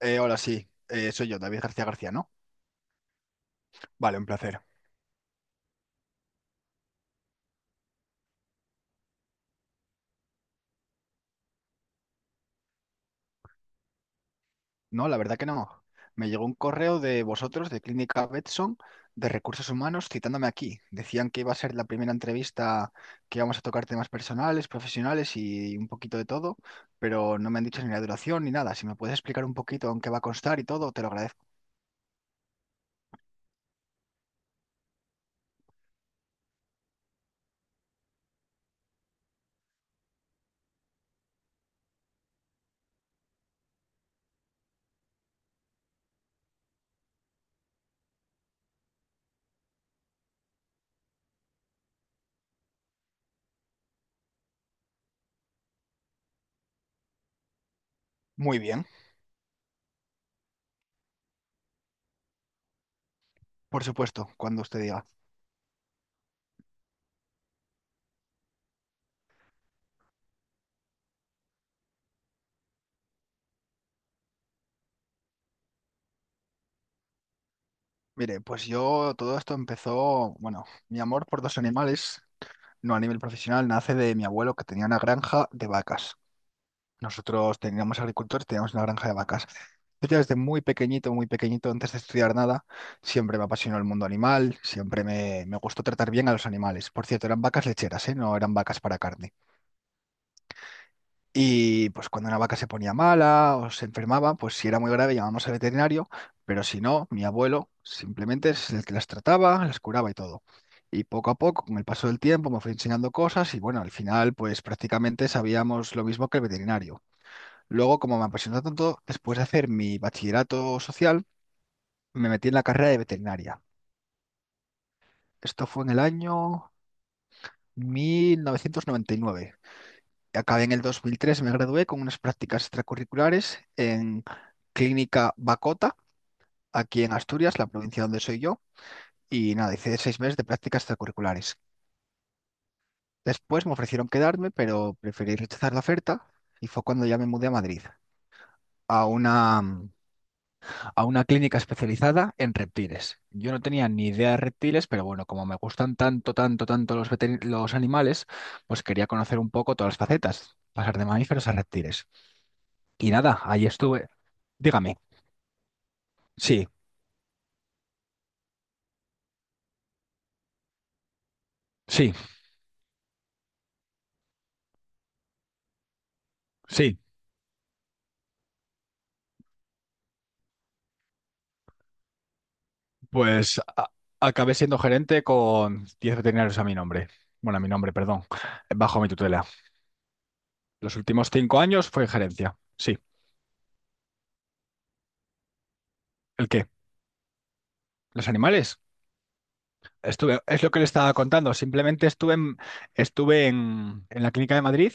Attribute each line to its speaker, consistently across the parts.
Speaker 1: Hola, sí, soy yo, David García García, ¿no? Vale, un placer. No, la verdad que no. Me llegó un correo de vosotros, de Clínica Betson, de Recursos Humanos, citándome aquí. Decían que iba a ser la primera entrevista que íbamos a tocar temas personales, profesionales y un poquito de todo, pero no me han dicho ni la duración ni nada. Si me puedes explicar un poquito en qué va a constar y todo, te lo agradezco. Muy bien, por supuesto, cuando usted diga. Mire, pues yo todo esto empezó, bueno, mi amor por dos animales no a nivel profesional, nace de mi abuelo que tenía una granja de vacas. Nosotros teníamos agricultores, teníamos una granja de vacas. Yo ya desde muy pequeñito, antes de estudiar nada, siempre me apasionó el mundo animal, siempre me gustó tratar bien a los animales. Por cierto, eran vacas lecheras, ¿eh? No eran vacas para carne. Y pues cuando una vaca se ponía mala o se enfermaba, pues si era muy grave llamábamos al veterinario, pero si no, mi abuelo simplemente es el que las trataba, las curaba y todo. Y poco a poco, con el paso del tiempo, me fue enseñando cosas y bueno, al final pues prácticamente sabíamos lo mismo que el veterinario. Luego, como me apasionó tanto, después de hacer mi bachillerato social, me metí en la carrera de veterinaria. Esto fue en el año 1999. Acabé en el 2003, me gradué con unas prácticas extracurriculares en Clínica Bacota, aquí en Asturias, la provincia donde soy yo, y nada, hice 6 meses de prácticas extracurriculares. Después me ofrecieron quedarme, pero preferí rechazar la oferta y fue cuando ya me mudé a Madrid, a una, a una clínica especializada en reptiles. Yo no tenía ni idea de reptiles, pero bueno, como me gustan tanto, tanto, tanto los animales, pues quería conocer un poco todas las facetas, pasar de mamíferos a reptiles. Y nada, ahí estuve. Dígame. Sí, sí, sí. Pues acabé siendo gerente con 10 veterinarios a mi nombre. Bueno, a mi nombre, perdón. Bajo mi tutela. Los últimos 5 años fue gerencia. Sí. ¿El qué? ¿Los animales? Estuve, es lo que le estaba contando. Simplemente en la clínica de Madrid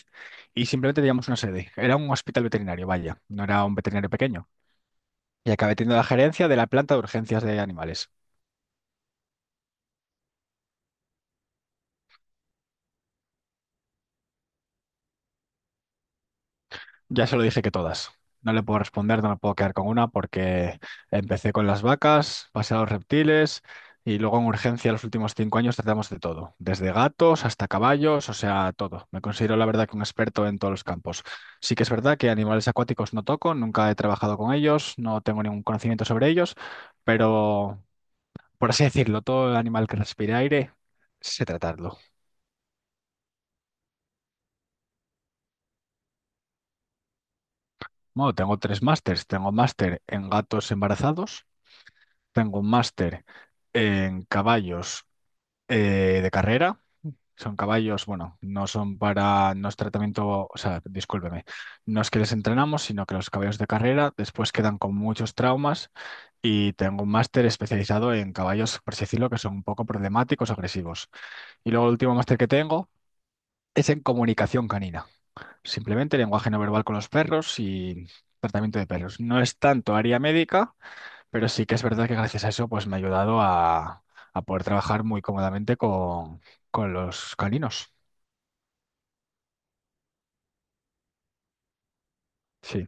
Speaker 1: y simplemente teníamos una sede. Era un hospital veterinario, vaya. No era un veterinario pequeño. Y acabé teniendo la gerencia de la planta de urgencias de animales. Ya se lo dije que todas. No le puedo responder, no me puedo quedar con una porque empecé con las vacas, pasé a los reptiles y luego en urgencia los últimos 5 años tratamos de todo, desde gatos hasta caballos, o sea, todo. Me considero la verdad que un experto en todos los campos. Sí que es verdad que animales acuáticos no toco, nunca he trabajado con ellos, no tengo ningún conocimiento sobre ellos, pero por así decirlo, todo animal que respire aire, sé tratarlo. Bueno, tengo tres másters. Tengo máster en gatos embarazados. Tengo un máster en caballos de carrera. Son caballos, bueno, no son para, no es tratamiento, o sea, discúlpeme, no es que les entrenamos, sino que los caballos de carrera después quedan con muchos traumas y tengo un máster especializado en caballos, por así decirlo, que son un poco problemáticos, agresivos. Y luego el último máster que tengo es en comunicación canina, simplemente lenguaje no verbal con los perros y tratamiento de perros. No es tanto área médica pero sí que es verdad que gracias a eso pues me ha ayudado a poder trabajar muy cómodamente con los caninos. Sí.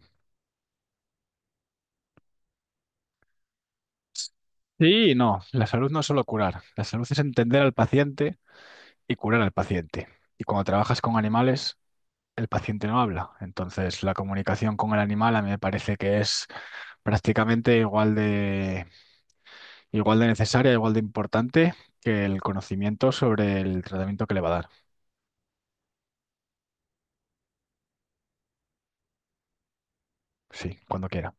Speaker 1: Sí, y no, la salud no es solo curar, la salud es entender al paciente y curar al paciente. Y cuando trabajas con animales, el paciente no habla. Entonces, la comunicación con el animal a mí me parece que es prácticamente igual de necesaria, igual de importante que el conocimiento sobre el tratamiento que le va a dar. Sí, cuando quiera.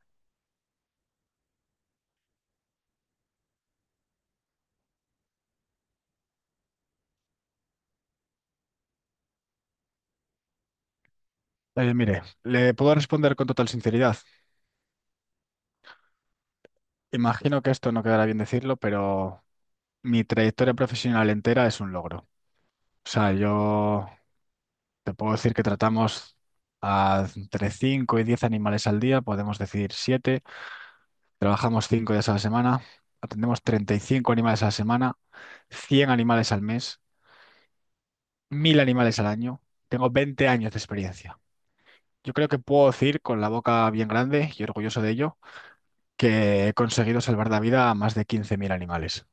Speaker 1: Mire, le puedo responder con total sinceridad. Imagino que esto no quedará bien decirlo, pero mi trayectoria profesional entera es un logro. O sea, yo te puedo decir que tratamos a entre 5 y 10 animales al día, podemos decir 7. Trabajamos 5 días a la semana, atendemos 35 animales a la semana, 100 animales al mes, 1.000 animales al año. Tengo 20 años de experiencia. Yo creo que puedo decir con la boca bien grande y orgulloso de ello que he conseguido salvar la vida a más de 15.000 animales.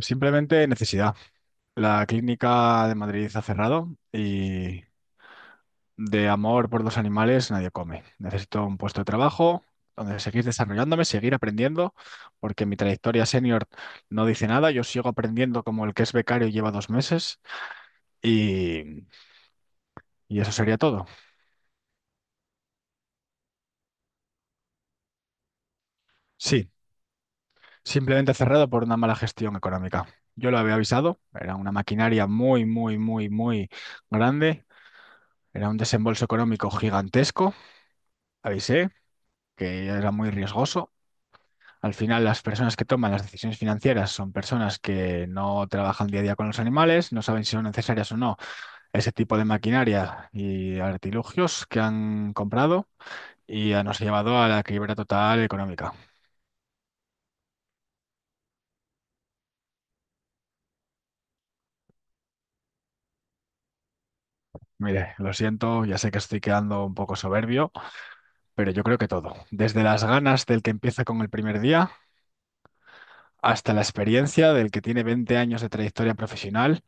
Speaker 1: Simplemente necesidad. La clínica de Madrid ha cerrado y de amor por los animales nadie come. Necesito un puesto de trabajo donde seguir desarrollándome, seguir aprendiendo, porque mi trayectoria senior no dice nada. Yo sigo aprendiendo como el que es becario y lleva 2 meses y, y eso sería todo. Sí, simplemente cerrado por una mala gestión económica. Yo lo había avisado, era una maquinaria muy, muy, muy, muy grande, era un desembolso económico gigantesco. Avisé que era muy riesgoso. Al final, las personas que toman las decisiones financieras son personas que no trabajan día a día con los animales, no saben si son necesarias o no ese tipo de maquinaria y artilugios que han comprado y ya nos ha llevado a la quiebra total económica. Mire, lo siento, ya sé que estoy quedando un poco soberbio, pero yo creo que todo, desde las ganas del que empieza con el primer día hasta la experiencia del que tiene 20 años de trayectoria profesional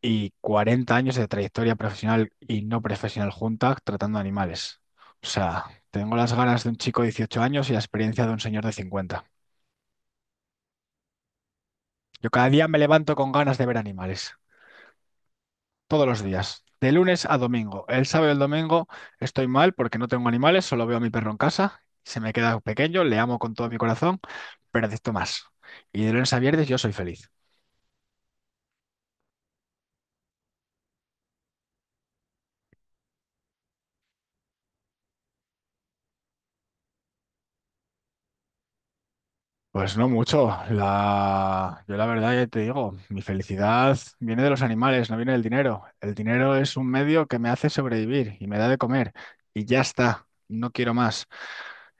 Speaker 1: y 40 años de trayectoria profesional y no profesional juntas tratando animales. O sea, tengo las ganas de un chico de 18 años y la experiencia de un señor de 50. Yo cada día me levanto con ganas de ver animales, todos los días, de lunes a domingo. El sábado y el domingo estoy mal porque no tengo animales, solo veo a mi perro en casa, se me queda pequeño, le amo con todo mi corazón, pero necesito más. Y de lunes a viernes yo soy feliz. Pues no mucho. Yo la verdad ya te digo, mi felicidad viene de los animales, no viene del dinero. El dinero es un medio que me hace sobrevivir y me da de comer. Y ya está, no quiero más.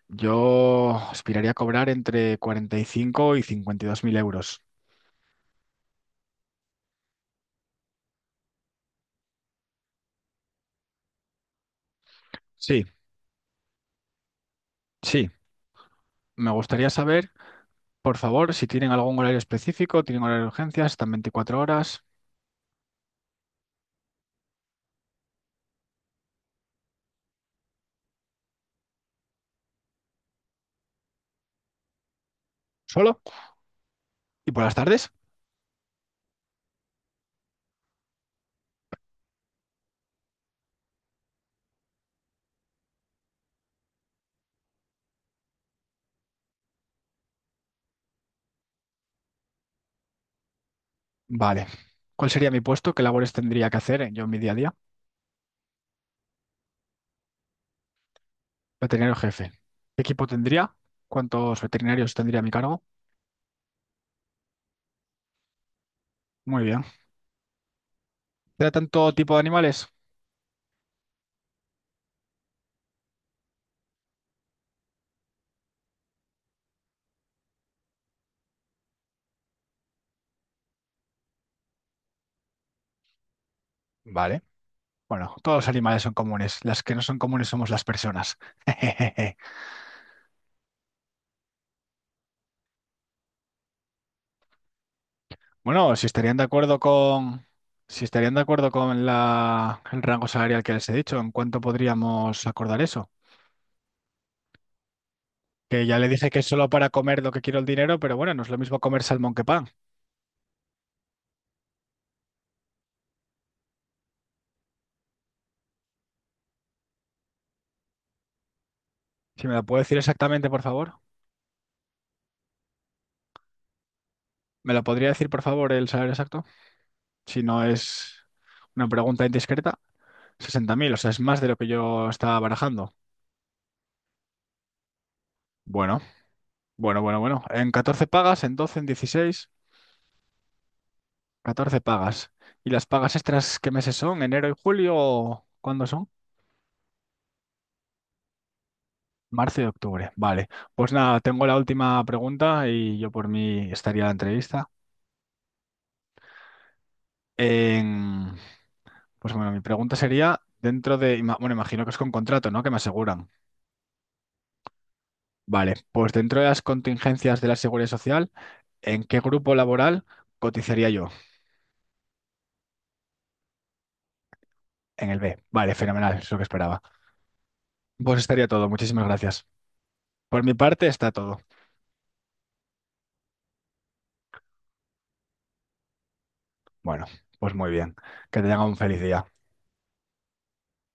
Speaker 1: Yo aspiraría a cobrar entre 45 y 52.000 euros. Sí, sí. Me gustaría saber, por favor, si tienen algún horario específico, tienen horario de urgencias, están 24 horas solo. ¿Y por las tardes? Vale. ¿Cuál sería mi puesto? ¿Qué labores tendría que hacer yo en mi día a día? Veterinario jefe. ¿Qué equipo tendría? ¿Cuántos veterinarios tendría a mi cargo? Muy bien. ¿Tratan todo tipo de animales? Vale. Bueno, todos los animales son comunes. Las que no son comunes somos las personas. Bueno, si estarían de acuerdo con, si estarían de acuerdo con el rango salarial que les he dicho, ¿en cuánto podríamos acordar eso? Que ya le dije que es solo para comer lo que quiero el dinero, pero bueno, no es lo mismo comer salmón que pan. Si me lo puede decir exactamente, por favor. ¿Me lo podría decir, por favor, el salario exacto, si no es una pregunta indiscreta? 60.000, o sea, es más de lo que yo estaba barajando. Bueno, bueno, bueno, bueno. ¿En 14 pagas, en 12, en 16? 14 pagas. ¿Y las pagas extras qué meses son? ¿Enero y julio? ¿O cuándo son? Marzo y octubre. Vale. Pues nada, tengo la última pregunta y yo por mí estaría la entrevista. En- Pues bueno, mi pregunta sería, bueno, imagino que es con contrato, ¿no? Que me aseguran. Vale, pues dentro de las contingencias de la Seguridad Social. ¿En qué grupo laboral cotizaría yo? En el B. Vale, fenomenal, es lo que esperaba. Pues estaría todo, muchísimas gracias. Por mi parte está todo. Bueno, pues muy bien. Que tengan un feliz día.